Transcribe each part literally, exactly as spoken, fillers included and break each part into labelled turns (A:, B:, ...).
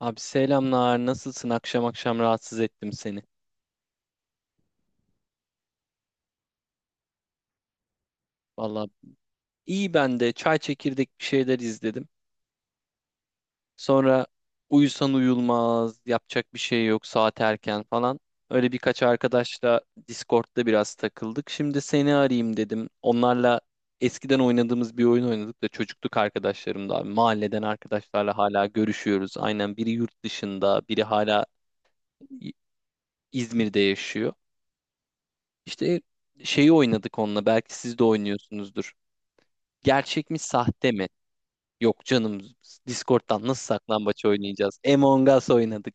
A: Abi selamlar. Nasılsın? Akşam akşam rahatsız ettim seni. Vallahi iyi ben de çay çekirdek bir şeyler izledim. Sonra uyusan uyulmaz, yapacak bir şey yok, saat erken falan. Öyle birkaç arkadaşla Discord'da biraz takıldık. Şimdi seni arayayım dedim. Onlarla eskiden oynadığımız bir oyun oynadık da çocukluk arkadaşlarım da abi. Mahalleden arkadaşlarla hala görüşüyoruz. Aynen biri yurt dışında, biri hala İ- İzmir'de yaşıyor. İşte şeyi oynadık onunla. Belki siz de oynuyorsunuzdur. Gerçek mi sahte mi? Yok canım, Discord'dan nasıl saklambaç oynayacağız? Among Us oynadık.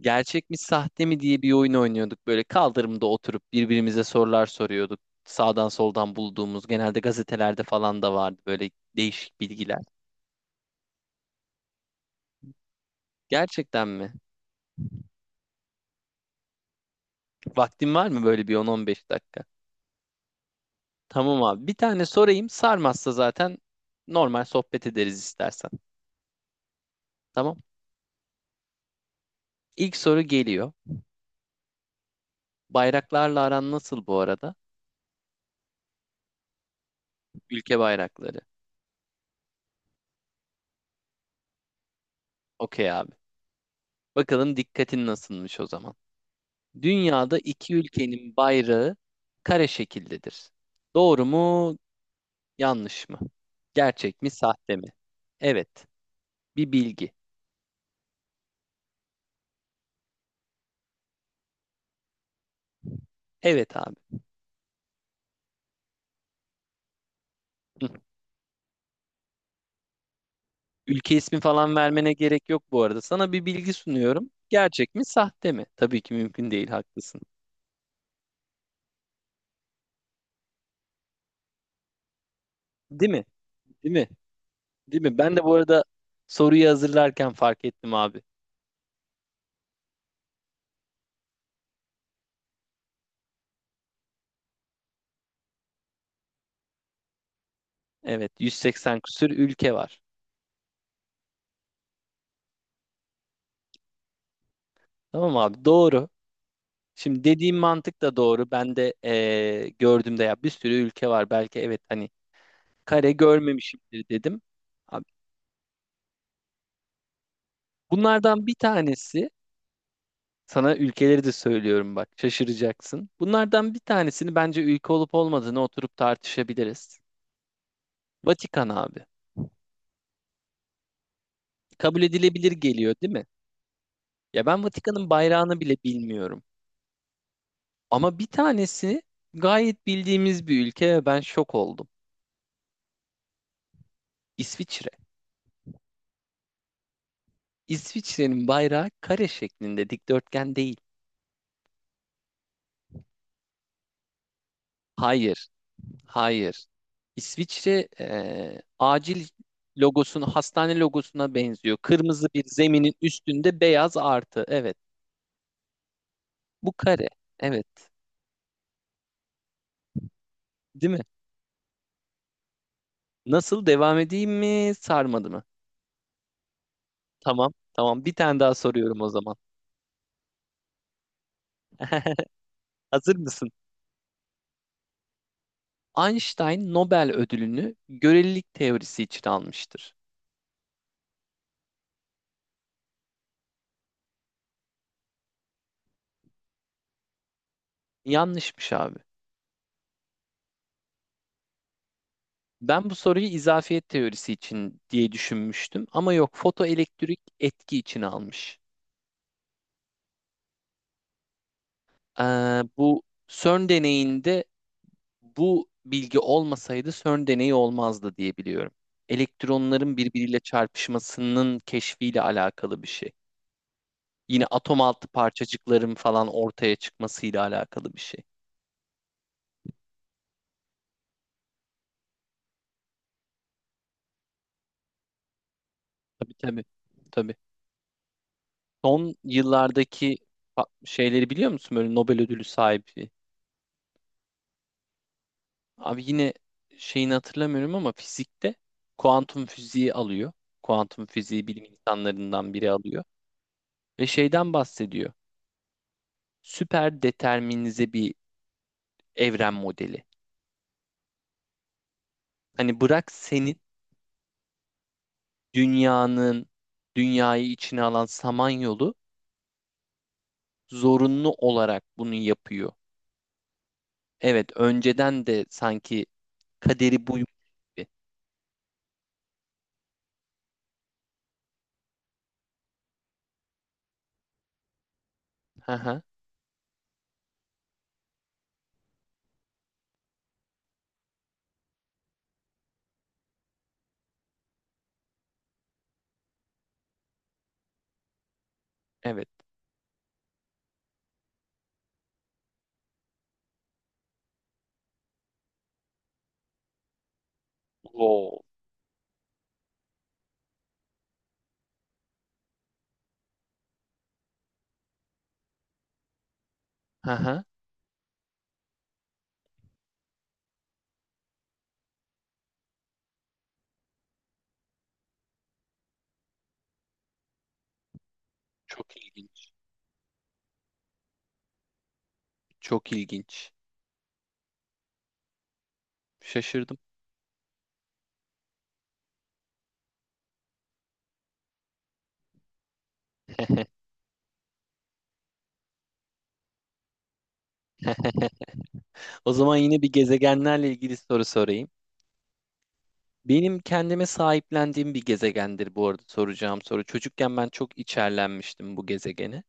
A: Gerçek mi sahte mi diye bir oyun oynuyorduk. Böyle kaldırımda oturup birbirimize sorular soruyorduk. Sağdan soldan bulduğumuz, genelde gazetelerde falan da vardı, böyle değişik bilgiler. Gerçekten mi? Vaktin var mı böyle bir on on beş dakika? Tamam abi. Bir tane sorayım. Sarmazsa zaten normal sohbet ederiz istersen. Tamam. İlk soru geliyor. Bayraklarla aran nasıl bu arada? Ülke bayrakları. Okey abi. Bakalım dikkatin nasılmış o zaman. Dünyada iki ülkenin bayrağı kare şekildedir. Doğru mu, yanlış mı? Gerçek mi, sahte mi? Evet. Bir bilgi. Evet abi. Hı. Ülke ismi falan vermene gerek yok bu arada. Sana bir bilgi sunuyorum. Gerçek mi, sahte mi? Tabii ki mümkün değil, haklısın. Değil mi? Değil mi? Değil mi? Ben de bu arada soruyu hazırlarken fark ettim abi. Evet, yüz seksen küsür ülke var. Tamam abi, doğru. Şimdi dediğim mantık da doğru. Ben de eee gördüğümde ya bir sürü ülke var. Belki evet hani kare görmemişimdir dedim. Abi, bunlardan bir tanesi, sana ülkeleri de söylüyorum bak şaşıracaksın. Bunlardan bir tanesini bence ülke olup olmadığını oturup tartışabiliriz. Vatikan abi. Kabul edilebilir geliyor değil mi? Ya ben Vatikan'ın bayrağını bile bilmiyorum. Ama bir tanesi gayet bildiğimiz bir ülke ve ben şok oldum. İsviçre. İsviçre'nin bayrağı kare şeklinde, dikdörtgen değil. Hayır, hayır. İsviçre eee, acil logosunu hastane logosuna benziyor. Kırmızı bir zeminin üstünde beyaz artı. Evet. Bu kare. Evet. Değil mi? Nasıl, devam edeyim mi? Sarmadı mı? Tamam. Tamam. Bir tane daha soruyorum o zaman. Hazır mısın? Einstein Nobel ödülünü görelilik teorisi için almıştır. Yanlışmış abi. Ben bu soruyu izafiyet teorisi için diye düşünmüştüm ama yok, fotoelektrik etki için almış. Ee, bu CERN deneyinde bu bilgi olmasaydı CERN deneyi olmazdı diye biliyorum. Elektronların birbiriyle çarpışmasının keşfiyle alakalı bir şey. Yine atom altı parçacıkların falan ortaya çıkmasıyla alakalı bir şey. Tabii tabii. Tabii. Son yıllardaki fa- şeyleri biliyor musun? Böyle Nobel ödülü sahibi. Abi yine şeyini hatırlamıyorum ama fizikte kuantum fiziği alıyor. Kuantum fiziği bilim insanlarından biri alıyor. Ve şeyden bahsediyor. Süper determinize bir evren modeli. Hani bırak senin dünyanın, dünyayı içine alan Samanyolu zorunlu olarak bunu yapıyor. Evet, önceden de sanki kaderi bu gibi. Hı hı, evet. Wow, hı, hı. Çok ilginç. Çok ilginç. Şaşırdım. O zaman yine bir gezegenlerle ilgili soru sorayım. Benim kendime sahiplendiğim bir gezegendir bu arada soracağım soru. Çocukken ben çok içerlenmiştim bu gezegene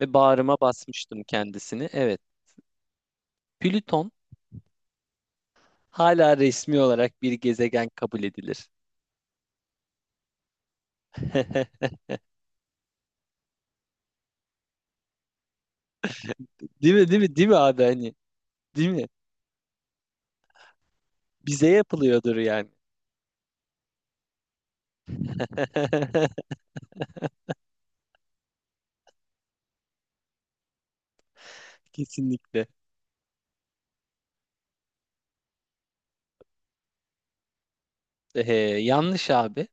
A: ve bağrıma basmıştım kendisini. Evet, Plüton hala resmi olarak bir gezegen kabul edilir. Değil mi, değil mi, değil mi abi hani? Değil mi? Bize yapılıyordur yani. Kesinlikle. Ee, yanlış abi.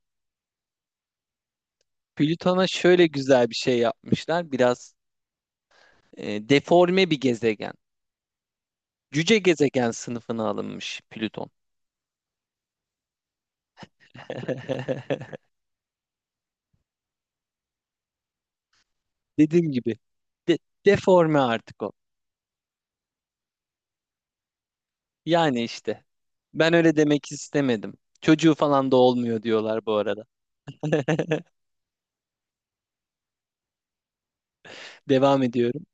A: Plüton'a şöyle güzel bir şey yapmışlar. Biraz e, deforme bir gezegen. Cüce gezegen sınıfına alınmış Plüton. Dediğim gibi de- deforme artık o. Yani işte. Ben öyle demek istemedim. Çocuğu falan da olmuyor diyorlar bu arada. Devam ediyorum.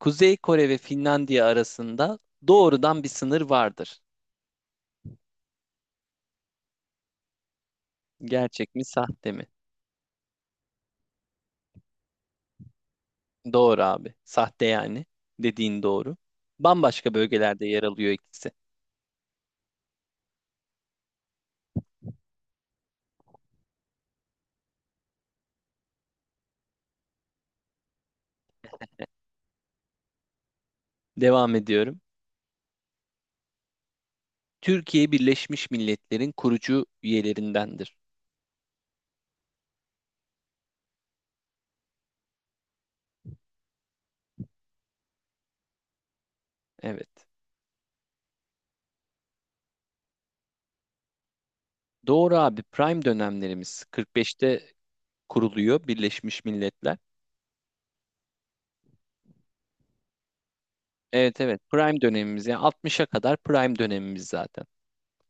A: Kuzey Kore ve Finlandiya arasında doğrudan bir sınır vardır. Gerçek mi, sahte mi? Doğru abi. Sahte yani. Dediğin doğru. Bambaşka bölgelerde yer alıyor ikisi. Devam ediyorum. Türkiye Birleşmiş Milletler'in kurucu üyelerindendir. Evet. Doğru abi. Prime dönemlerimiz. kırk beşte kuruluyor Birleşmiş Milletler. Evet, evet, prime dönemimiz yani altmışa kadar prime dönemimiz zaten.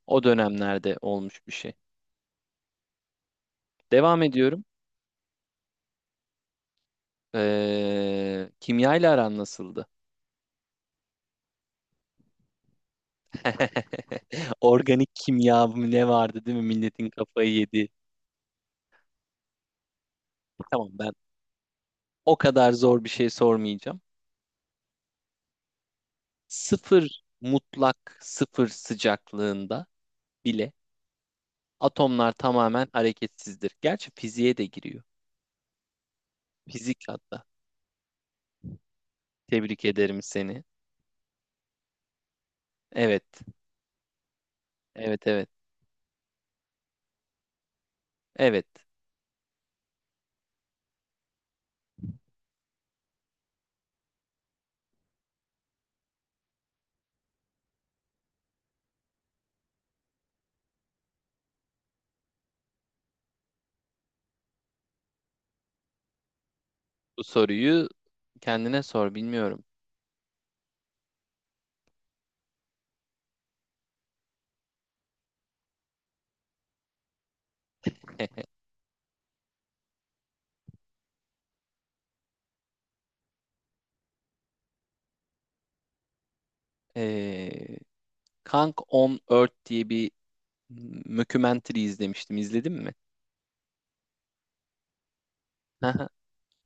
A: O dönemlerde olmuş bir şey. Devam ediyorum. Ee, kimya ile aran nasıldı? Organik kimya mı ne vardı değil mi? Milletin kafayı yedi. Tamam, ben o kadar zor bir şey sormayacağım. Sıfır, mutlak sıfır sıcaklığında bile atomlar tamamen hareketsizdir. Gerçi fiziğe de giriyor. Fizik hatta. Tebrik ederim seni. Evet. Evet evet. Evet. Bu soruyu kendine sor, bilmiyorum. Ee, Kang on Earth diye bir mockumentary izlemiştim. İzledin mi? Aha.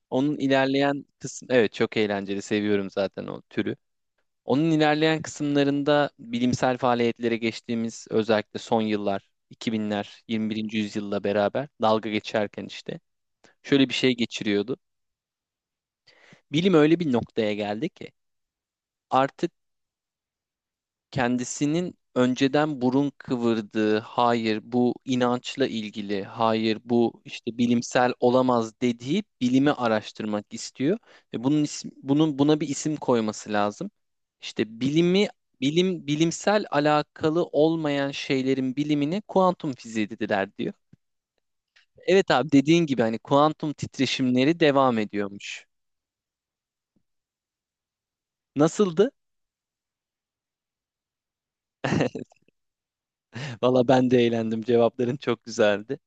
A: Onun ilerleyen kısım, evet, çok eğlenceli. Seviyorum zaten o türü. Onun ilerleyen kısımlarında bilimsel faaliyetlere geçtiğimiz, özellikle son yıllar iki binler yirmi birinci yüzyılla beraber, dalga geçerken işte şöyle bir şey geçiriyordu. Bilim öyle bir noktaya geldi ki artık kendisinin önceden burun kıvırdığı, hayır bu inançla ilgili, hayır bu işte bilimsel olamaz dediği bilimi araştırmak istiyor ve bunun isim, bunun buna bir isim koyması lazım. İşte bilimi, bilim bilimsel alakalı olmayan şeylerin bilimine kuantum fiziği dediler diyor. Evet abi, dediğin gibi hani kuantum titreşimleri devam ediyormuş. Nasıldı? Valla ben de eğlendim. Cevapların çok güzeldi.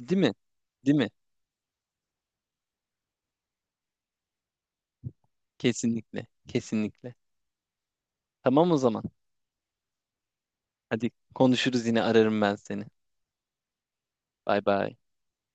A: Değil mi? Değil mi? Kesinlikle. Kesinlikle. Tamam o zaman. Hadi konuşuruz, yine ararım ben seni. Bay bay.